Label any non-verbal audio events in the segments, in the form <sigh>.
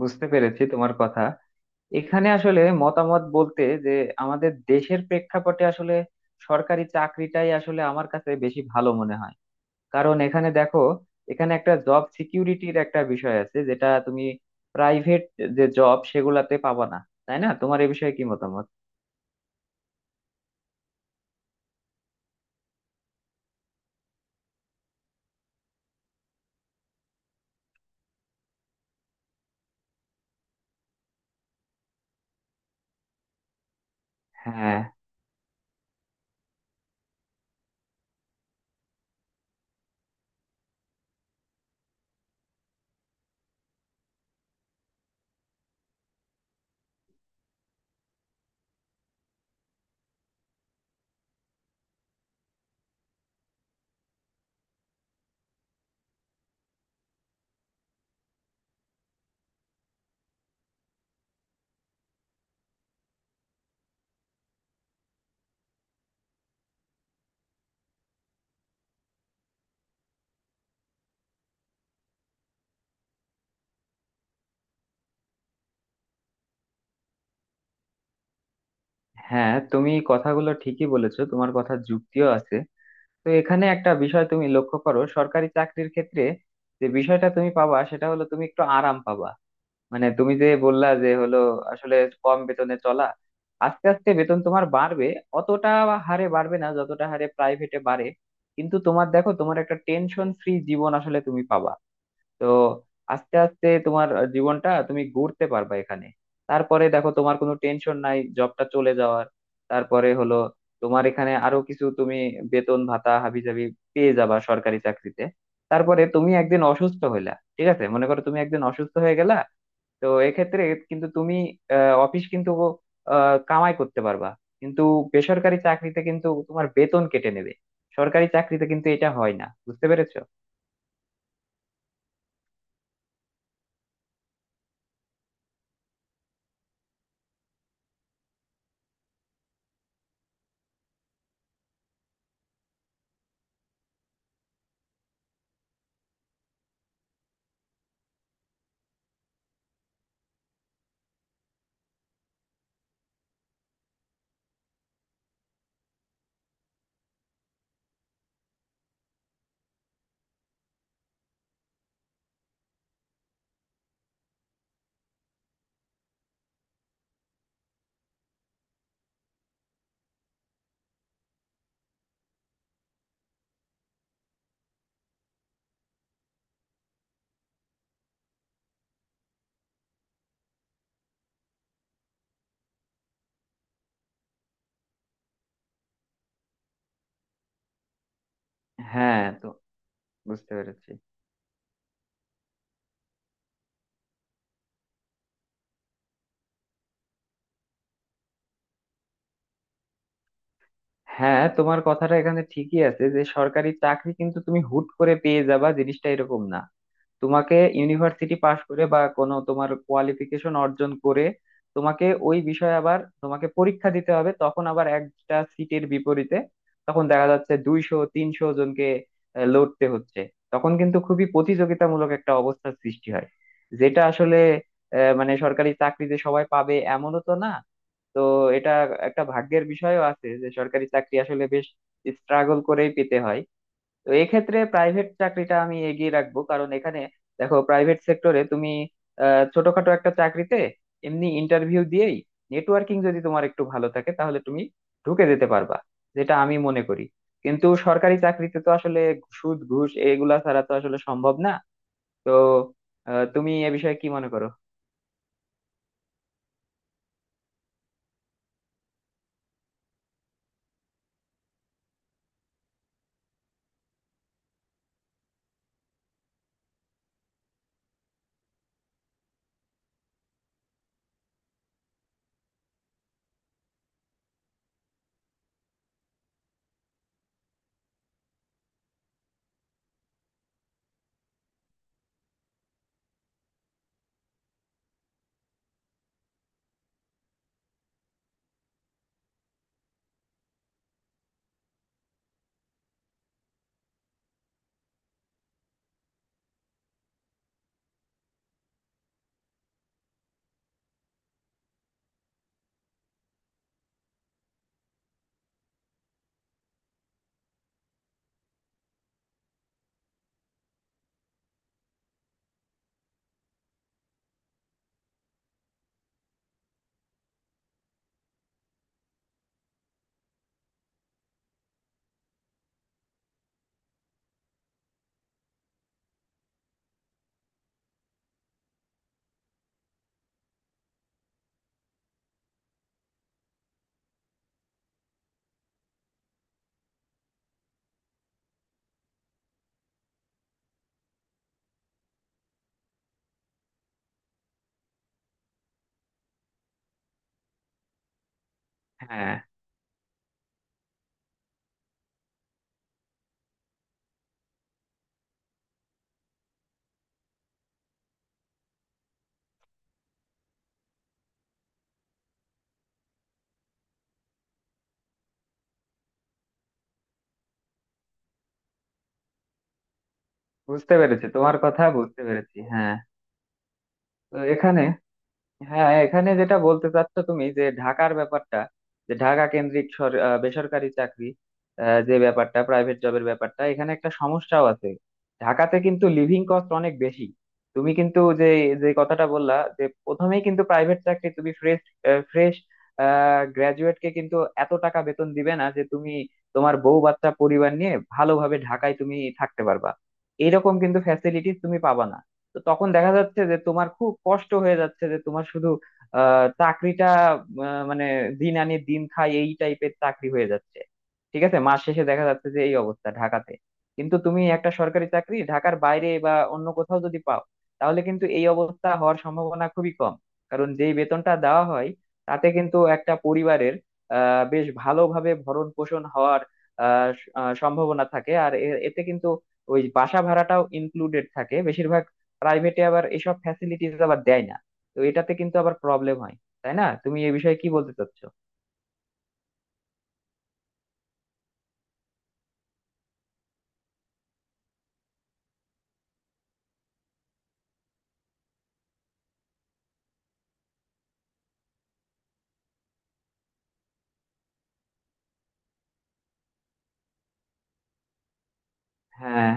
বুঝতে পেরেছি তোমার কথা। এখানে আসলে মতামত বলতে যে আমাদের দেশের প্রেক্ষাপটে আসলে সরকারি চাকরিটাই আসলে আমার কাছে বেশি ভালো মনে হয়। কারণ এখানে দেখো, এখানে একটা জব সিকিউরিটির একটা বিষয় আছে, যেটা তুমি প্রাইভেট যে জব সেগুলাতে পাবা না। তাই না? তোমার এ বিষয়ে কি মতামত? হ্যাঁ, হ্যাঁ তুমি কথাগুলো ঠিকই বলেছো, তোমার কথা যুক্তিও আছে। তো এখানে একটা বিষয় তুমি লক্ষ্য করো, সরকারি চাকরির ক্ষেত্রে যে বিষয়টা তুমি পাবা সেটা হলো তুমি একটু আরাম পাবা। মানে তুমি যে বললা যে হলো আসলে কম বেতনে চলা, আস্তে আস্তে বেতন তোমার বাড়বে। অতটা হারে বাড়বে না যতটা হারে প্রাইভেটে বাড়ে, কিন্তু তোমার দেখো তোমার একটা টেনশন ফ্রি জীবন আসলে তুমি পাবা। তো আস্তে আস্তে তোমার জীবনটা তুমি গড়তে পারবা এখানে। তারপরে দেখো তোমার কোনো টেনশন নাই জবটা চলে যাওয়ার। তারপরে হলো তোমার এখানে আরো কিছু তুমি বেতন ভাতা হাবিজাবি পেয়ে যাবা সরকারি চাকরিতে। তারপরে তুমি একদিন অসুস্থ হইলা, ঠিক আছে, মনে করো তুমি একদিন অসুস্থ হয়ে গেলা। তো এক্ষেত্রে কিন্তু তুমি অফিস কিন্তু কামাই করতে পারবা, কিন্তু বেসরকারি চাকরিতে কিন্তু তোমার বেতন কেটে নেবে। সরকারি চাকরিতে কিন্তু এটা হয় না, বুঝতে পেরেছো? হ্যাঁ, তো বুঝতে পেরেছি। হ্যাঁ তোমার কথাটা এখানে ঠিকই আছে যে সরকারি চাকরি কিন্তু তুমি হুট করে পেয়ে যাবা, জিনিসটা এরকম না। তোমাকে ইউনিভার্সিটি পাশ করে বা কোনো তোমার কোয়ালিফিকেশন অর্জন করে তোমাকে ওই বিষয়ে আবার তোমাকে পরীক্ষা দিতে হবে। তখন আবার একটা সিটের বিপরীতে তখন দেখা যাচ্ছে 200 300 জনকে লড়তে হচ্ছে। তখন কিন্তু খুবই প্রতিযোগিতামূলক একটা অবস্থার সৃষ্টি হয়, যেটা আসলে মানে সরকারি চাকরি যে সবাই পাবে এমনও তো না। তো এটা একটা ভাগ্যের বিষয়ও আছে, যে সরকারি চাকরি আসলে বেশ স্ট্রাগল করেই পেতে হয়। তো এক্ষেত্রে প্রাইভেট চাকরিটা আমি এগিয়ে রাখবো, কারণ এখানে দেখো প্রাইভেট সেক্টরে তুমি ছোটখাটো একটা চাকরিতে এমনি ইন্টারভিউ দিয়েই, নেটওয়ার্কিং যদি তোমার একটু ভালো থাকে তাহলে তুমি ঢুকে যেতে পারবা, যেটা আমি মনে করি। কিন্তু সরকারি চাকরিতে তো আসলে সুদ ঘুষ এগুলা ছাড়া তো আসলে সম্ভব না। তো তুমি এ বিষয়ে কি মনে করো? হ্যাঁ, বুঝতে পেরেছি তোমার কথা, বুঝতে পেরেছি। হ্যাঁ, তো এখানে হ্যাঁ এখানে যেটা বলতে চাচ্ছ তুমি, যে ঢাকার ব্যাপারটা, যে ঢাকা কেন্দ্রিক বেসরকারি চাকরি, যে ব্যাপারটা প্রাইভেট জবের ব্যাপারটা, এখানে একটা সমস্যাও আছে। ঢাকাতে কিন্তু লিভিং কস্ট অনেক বেশি। তুমি কিন্তু যে যে কথাটা বললা, যে প্রথমেই কিন্তু প্রাইভেট চাকরি তুমি ফ্রেশ ফ্রেশ গ্রাজুয়েট কে কিন্তু এত টাকা বেতন দিবে না যে তুমি তোমার বউ বাচ্চা পরিবার নিয়ে ভালোভাবে ঢাকায় তুমি থাকতে পারবা। এরকম কিন্তু ফ্যাসিলিটিস তুমি পাবা না। তো তখন দেখা যাচ্ছে যে তোমার খুব কষ্ট হয়ে যাচ্ছে, যে তোমার শুধু চাকরিটা মানে দিন আনি দিন খাই এই টাইপের চাকরি হয়ে যাচ্ছে। ঠিক আছে, মাস শেষে দেখা যাচ্ছে যে এই অবস্থা ঢাকাতে। কিন্তু তুমি একটা সরকারি চাকরি ঢাকার বাইরে বা অন্য কোথাও যদি পাও, তাহলে কিন্তু এই অবস্থা হওয়ার সম্ভাবনা খুবই কম। কারণ যেই বেতনটা দেওয়া হয় তাতে কিন্তু একটা পরিবারের বেশ ভালোভাবে ভরণ পোষণ হওয়ার সম্ভাবনা থাকে। আর এতে কিন্তু ওই বাসা ভাড়াটাও ইনক্লুডেড থাকে বেশিরভাগ। প্রাইভেটে আবার এইসব ফ্যাসিলিটিস আবার দেয় না, তো এটাতে কিন্তু আবার প্রবলেম হয়। তাই না? তুমি এই বিষয়ে কি বলতে চাচ্ছো? হ্যাঁ,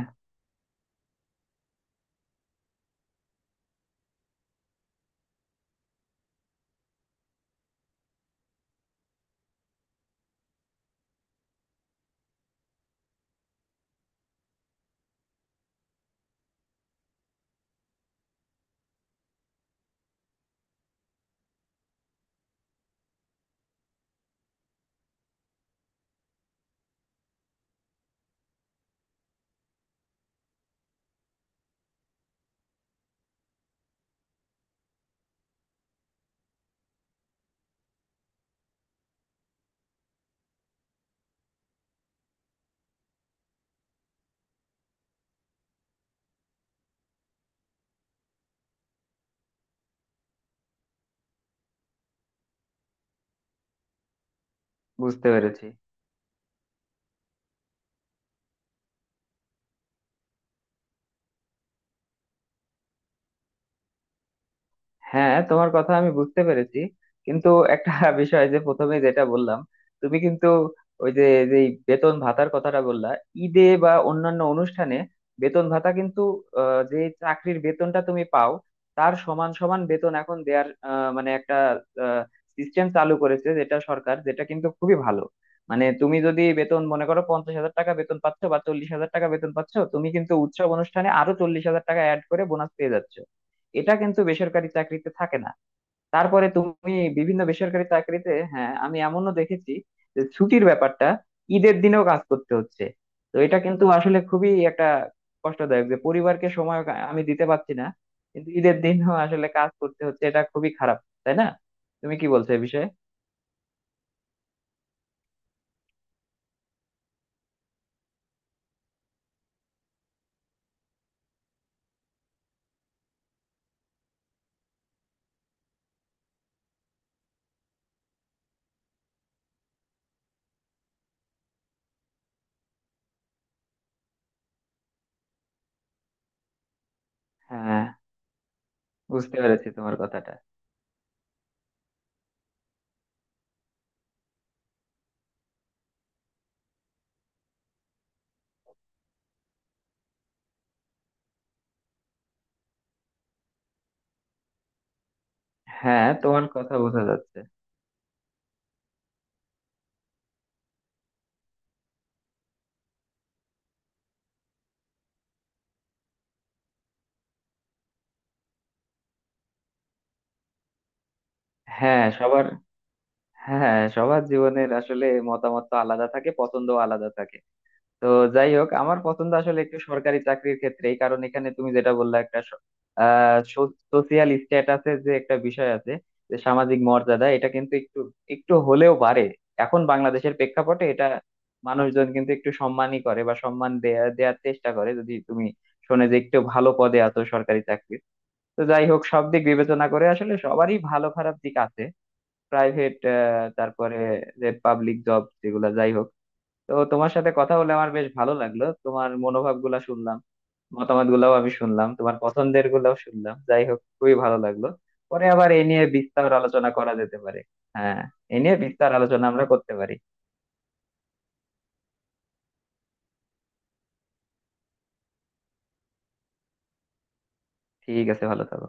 বুঝতে পেরেছি। হ্যাঁ তোমার কথা আমি বুঝতে পেরেছি, কিন্তু একটা <laughs> বিষয়, যে প্রথমে যেটা বললাম, তুমি কিন্তু ওই যে, যে বেতন ভাতার কথাটা বললা ঈদে বা অন্যান্য অনুষ্ঠানে, বেতন ভাতা কিন্তু যে চাকরির বেতনটা তুমি পাও তার সমান সমান বেতন এখন দেয়ার মানে একটা সিস্টেম চালু করেছে, যেটা সরকার, যেটা কিন্তু খুবই ভালো। মানে তুমি যদি বেতন মনে করো 50,000 টাকা বেতন পাচ্ছ বা 40,000 টাকা বেতন পাচ্ছ, তুমি কিন্তু উৎসব অনুষ্ঠানে আরো 40,000 টাকা অ্যাড করে বোনাস পেয়ে যাচ্ছ। এটা কিন্তু বেসরকারি চাকরিতে থাকে না। তারপরে তুমি বিভিন্ন বেসরকারি চাকরিতে, হ্যাঁ আমি এমনও দেখেছি যে ছুটির ব্যাপারটা, ঈদের দিনেও কাজ করতে হচ্ছে। তো এটা কিন্তু আসলে খুবই একটা কষ্টদায়ক, যে পরিবারকে সময় আমি দিতে পারছি না, কিন্তু ঈদের দিনও আসলে কাজ করতে হচ্ছে। এটা খুবই খারাপ, তাই না? তুমি কি বলছো এই বিষয়ে? হ্যাঁ, বুঝতে পেরেছি তোমার কথাটা। হ্যাঁ তোমার কথা বোঝা যাচ্ছে। হ্যাঁ সবার হ্যাঁ সবার জীবনের আসলে মতামত তো আলাদা থাকে, পছন্দও আলাদা থাকে। তো যাই হোক, আমার পছন্দ আসলে একটু সরকারি চাকরির ক্ষেত্রেই, কারণ এখানে তুমি যেটা বললা একটা স- আহ সোশিয়াল স্ট্যাটাসের যে একটা বিষয় আছে, যে সামাজিক মর্যাদা এটা কিন্তু একটু, একটু হলেও বাড়ে। এখন বাংলাদেশের প্রেক্ষাপটে এটা মানুষজন কিন্তু একটু সম্মানই করে বা সম্মান দেয়া দেওয়ার চেষ্টা করে, যদি তুমি শোনে যে একটু ভালো পদে আছো সরকারি চাকরির। তো যাই হোক, সব দিক বিবেচনা করে আসলে সবারই ভালো খারাপ দিক আছে। প্রাইভেট, তারপরে যে পাবলিক জব যেগুলা, যাই হোক, তো তোমার সাথে কথা বলে আমার বেশ ভালো লাগলো, তোমার মনোভাব গুলা শুনলাম, মতামত গুলাও আমি শুনলাম, তোমার পছন্দের গুলাও শুনলাম। যাই হোক, খুবই ভালো লাগলো। পরে আবার এ নিয়ে বিস্তার আলোচনা করা যেতে পারে। হ্যাঁ, এ নিয়ে বিস্তার আলোচনা আমরা করতে পারি। ঠিক আছে, ভালো থাকো।